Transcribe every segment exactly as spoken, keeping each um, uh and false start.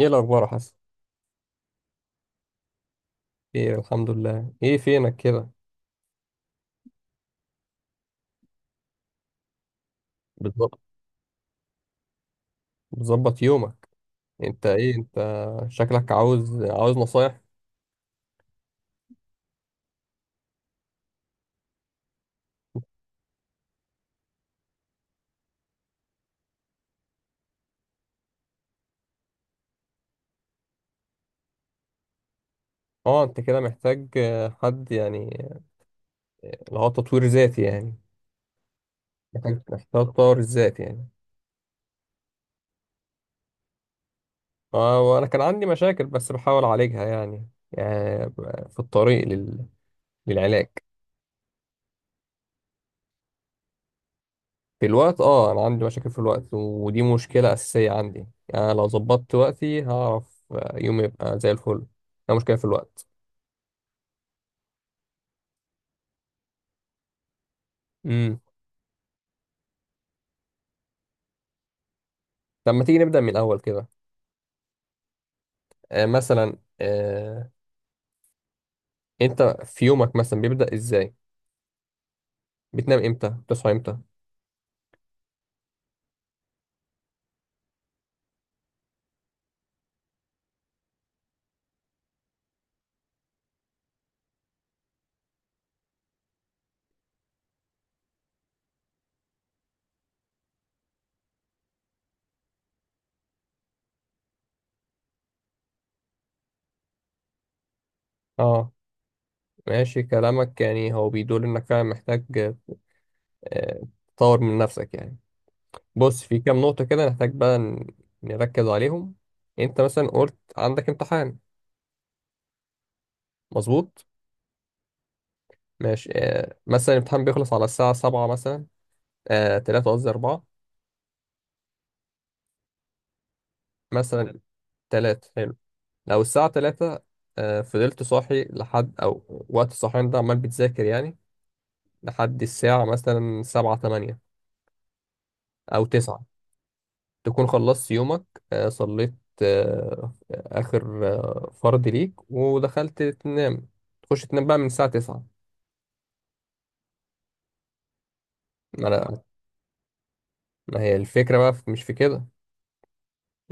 ايه الاخبار يا حسن. ايه الحمد لله، ايه فينك كده؟ بتظبط بتظبط يومك. انت ايه انت؟ شكلك عاوز عاوز نصايح. اه انت كده محتاج آه، حد يعني آه، اللي هو تطوير ذاتي يعني. محتاج محتاج تطور الذات يعني. اه وانا كان عندي مشاكل بس بحاول اعالجها يعني يعني ب- في الطريق لل... للعلاج. في الوقت، اه انا عندي مشاكل في الوقت ودي مشكلة اساسية عندي، يعني لو ظبطت وقتي هعرف آه، يومي يبقى زي الفل. ده مشكلة في الوقت. مم. طب ما تيجي نبدأ من الأول كده. آه مثلا آه أنت في يومك مثلا بيبدأ إزاي؟ بتنام إمتى؟ بتصحى إمتى؟ أه، ماشي كلامك يعني هو بيدل إنك فعلا محتاج آه تطور من نفسك يعني. بص، في كام نقطة كده نحتاج بقى ن- نركز عليهم. أنت مثلا قلت عندك امتحان، مظبوط؟ ماشي، آه مثلا الامتحان بيخلص على الساعة سبعة مثلا. آه تلاتة، قصدي أربعة، مثلا تلاتة. لو الساعة تلاتة، آه، فضلت صاحي لحد أو وقت الصحيان ده عمال بتذاكر يعني لحد الساعة مثلا سبعة تمانية أو تسعة، تكون خلصت يومك، آه، صليت آه، آخر آه، فرض ليك ودخلت تنام. تخش تنام بقى من الساعة تسعة. ما أنا- ما هي الفكرة بقى في- مش في كده،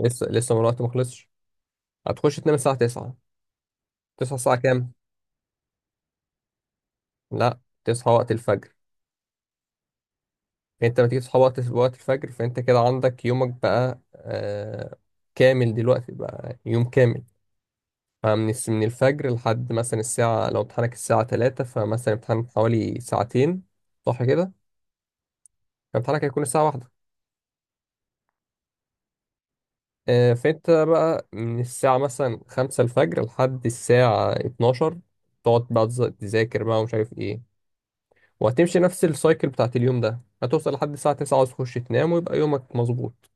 لسه لسه من الوقت ما خلصش. هتخش تنام الساعة تسعة، تصحى الساعة كام؟ لا تصحى وقت الفجر. انت لما تيجي تصحى وقت وقت الفجر فانت كده عندك يومك بقى آه كامل، دلوقتي بقى يوم كامل. فمن الس- من الفجر لحد مثلا الساعة، لو امتحانك الساعة تلاتة فمثلا امتحان حوالي ساعتين، صح كده؟ فامتحانك هيكون الساعة واحدة. آه فانت بقى من الساعة مثلا خمسة الفجر لحد الساعة اتناشر، تقعد بقى تز- تذاكر بقى ومش عارف ايه. وهتمشي نفس السايكل بتاعت اليوم ده، هتوصل لحد الساعة تسعة عاوز تخش تنام ويبقى يومك مظبوط.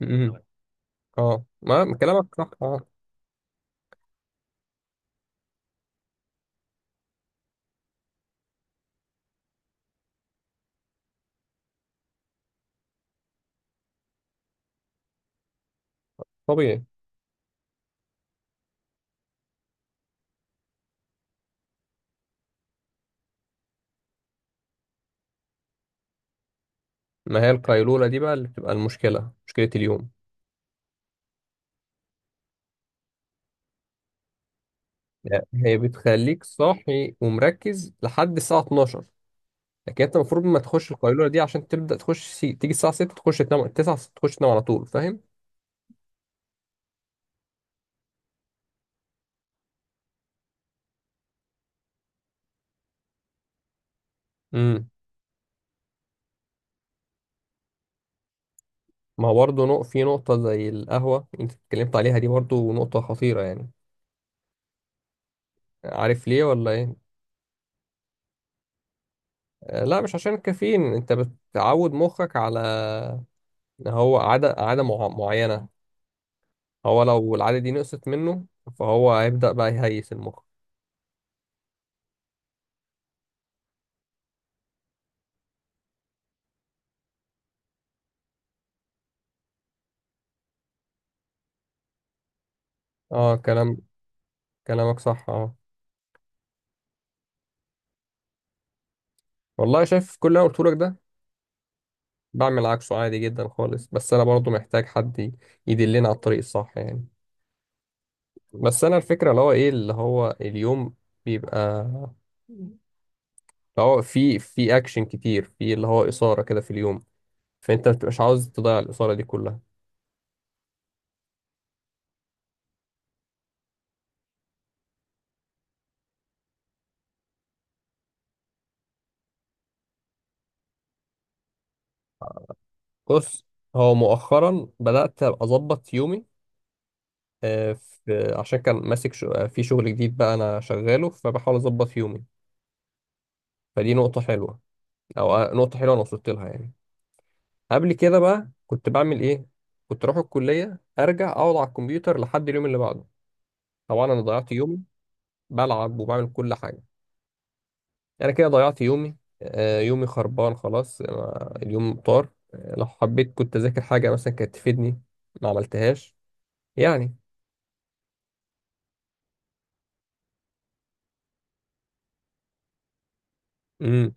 م- م. اه، ما كلامك صح اه. طبيعي. ما هي القيلولة دي بقى اللي بتبقى المشكلة، مشكلة اليوم. يعني هي بتخليك صاحي ومركز لحد الساعة اتناشر، لكن انت المفروض ما تخش القيلولة دي عشان تبدأ تخش سي... تيجي الساعة ستة تخش تنام تسعة تخش تنام على طول، فاهم؟ امم ما هو برضه نق... في نقطة زي القهوة انت اتكلمت عليها، دي برضه نقطة خطيرة يعني. عارف ليه ولا ايه؟ آه، لا مش عشان الكافيين، انت بتعود مخك على إن هو عادة عادة مع... معينة، هو لو العادة دي نقصت منه فهو هيبدأ بقى يهيس المخ. اه، كلام كلامك صح اه. والله شايف كل اللي انا قلته لك ده بعمل عكسه عادي جدا خالص، بس انا برضو محتاج حد ي- يدلني على الطريق الصح يعني. بس انا الفكره اللي هو ايه، اللي هو اليوم بيبقى اللي هو في في اكشن كتير، في اللي هو اثاره كده في اليوم، فانت ما بتبقاش عاوز تضيع الاثاره دي كلها. بص، هو مؤخرا بدات أبقى اظبط يومي آه، في عشان كان ماسك شو- آه، في شغل جديد بقى انا شغاله فبحاول اظبط يومي. فدي نقطه حلوه، او نقطه حلوه انا وصلت لها يعني. قبل كده بقى كنت بعمل ايه؟ كنت اروح الكليه ارجع اقعد على الكمبيوتر لحد اليوم اللي بعده. طبعا انا ضيعت يومي، بلعب وبعمل كل حاجه. انا كده ضيعت يومي، آه، يومي خربان خلاص، أنا اليوم طار، آه، لو حبيت كنت اذاكر حاجه مثلا كانت تفيدني، ما عملتهاش يعني. امم،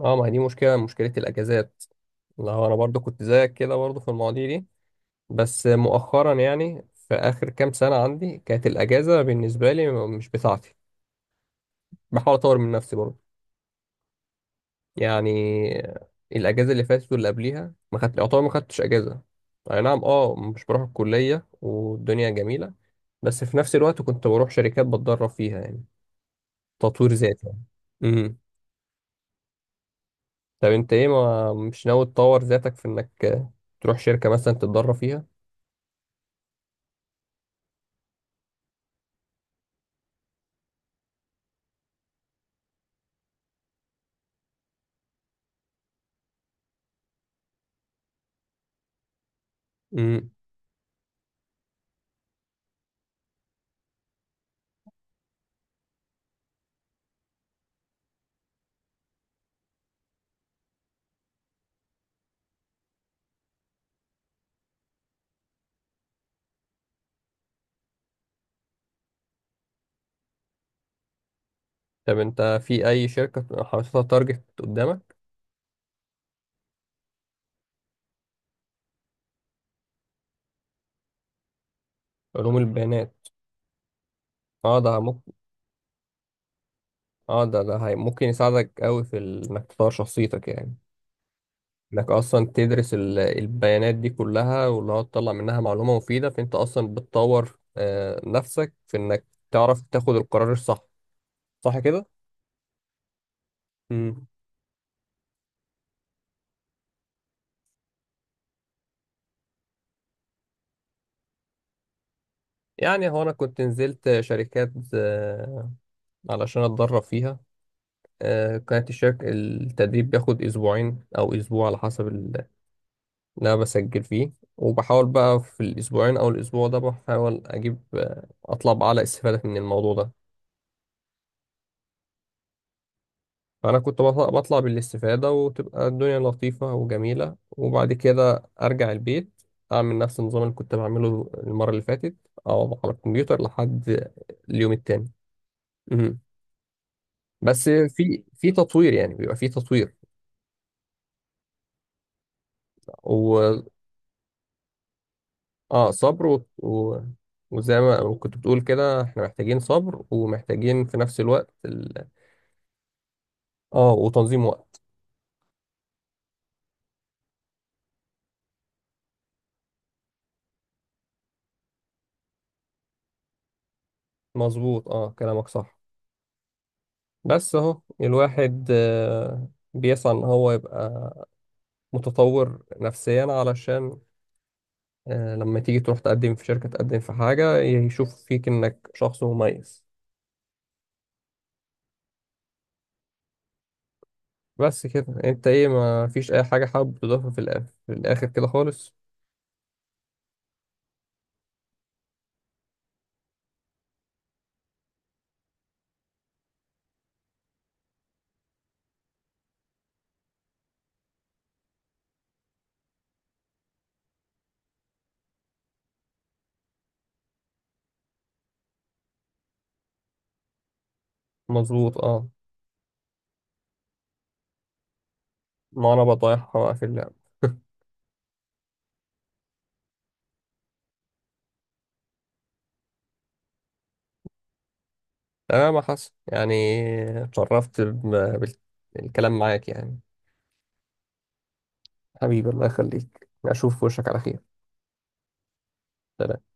اه، ما هي دي مشكله مشكله الاجازات. لا هو انا برضو كنت زيك كده برضو في المواضيع دي، بس مؤخرا يعني في اخر كام سنه عندي كانت الاجازه بالنسبه لي مش بتاعتي، بحاول اطور من نفسي برضه يعني. الاجازه اللي فاتت واللي قبليها ما خدت يعتبر ما خدتش اجازه. اي نعم اه، مش بروح الكليه والدنيا جميله، بس في نفس الوقت كنت بروح شركات بتدرب فيها يعني. تطوير ذاتي يعني. امم، طب انت ايه، ما مش ناوي تطور ذاتك في انك تروح شركه مثلا تتدرب فيها؟ امم، طب انت في اي شركه حاططها تارجت قدامك؟ علوم البيانات، اه ده ممكن. اه، ده ده هي- ممكن يساعدك قوي في ال- انك تطور شخصيتك يعني. انك اصلا تدرس ال- البيانات دي كلها، واللي هو تطلع منها معلومة مفيدة، فانت اصلا بتطور آه، نفسك في انك تعرف تاخد القرار الصح، صح كده؟ امم. يعني هو انا كنت نزلت شركات آه، علشان اتدرب فيها. آه، كانت الشركة التدريب بياخد اسبوعين او اسبوع على حسب ال- اللي انا بسجل فيه، وبحاول بقى في الاسبوعين او الاسبوع ده بحاول اجيب آه، اطلع باعلى استفادة من الموضوع ده. فأنا كنت بطلع, بطلع بالاستفادة وتبقى الدنيا لطيفة وجميلة، وبعد كده أرجع البيت أعمل نفس النظام اللي كنت بعمله المرة اللي فاتت، أقعد على الكمبيوتر لحد اليوم التاني. مهم. بس في في تطوير يعني، بيبقى في تطوير و آه صبر و... و... وزي ما كنت بتقول كده احنا محتاجين صبر ومحتاجين في نفس الوقت ال... اه، وتنظيم وقت. مظبوط اه، كلامك صح. بس اهو الواحد آه بيسعى ان هو يبقى متطور نفسيا علشان آه، لما تيجي تروح تقدم في شركة، تقدم في حاجة، يشوف فيك إنك شخص مميز. بس كده، أنت إيه، ما فيش أي حاجة حابب تضيفها في الآخر في الآخر كده خالص؟ مظبوط أه. ما أنا بطايحها بقى في اللعب. تمام يا حسن يعني، اتشرفت بم- بالكلام معاك يعني. حبيبي الله يخليك، أشوف وشك على خير. سلام.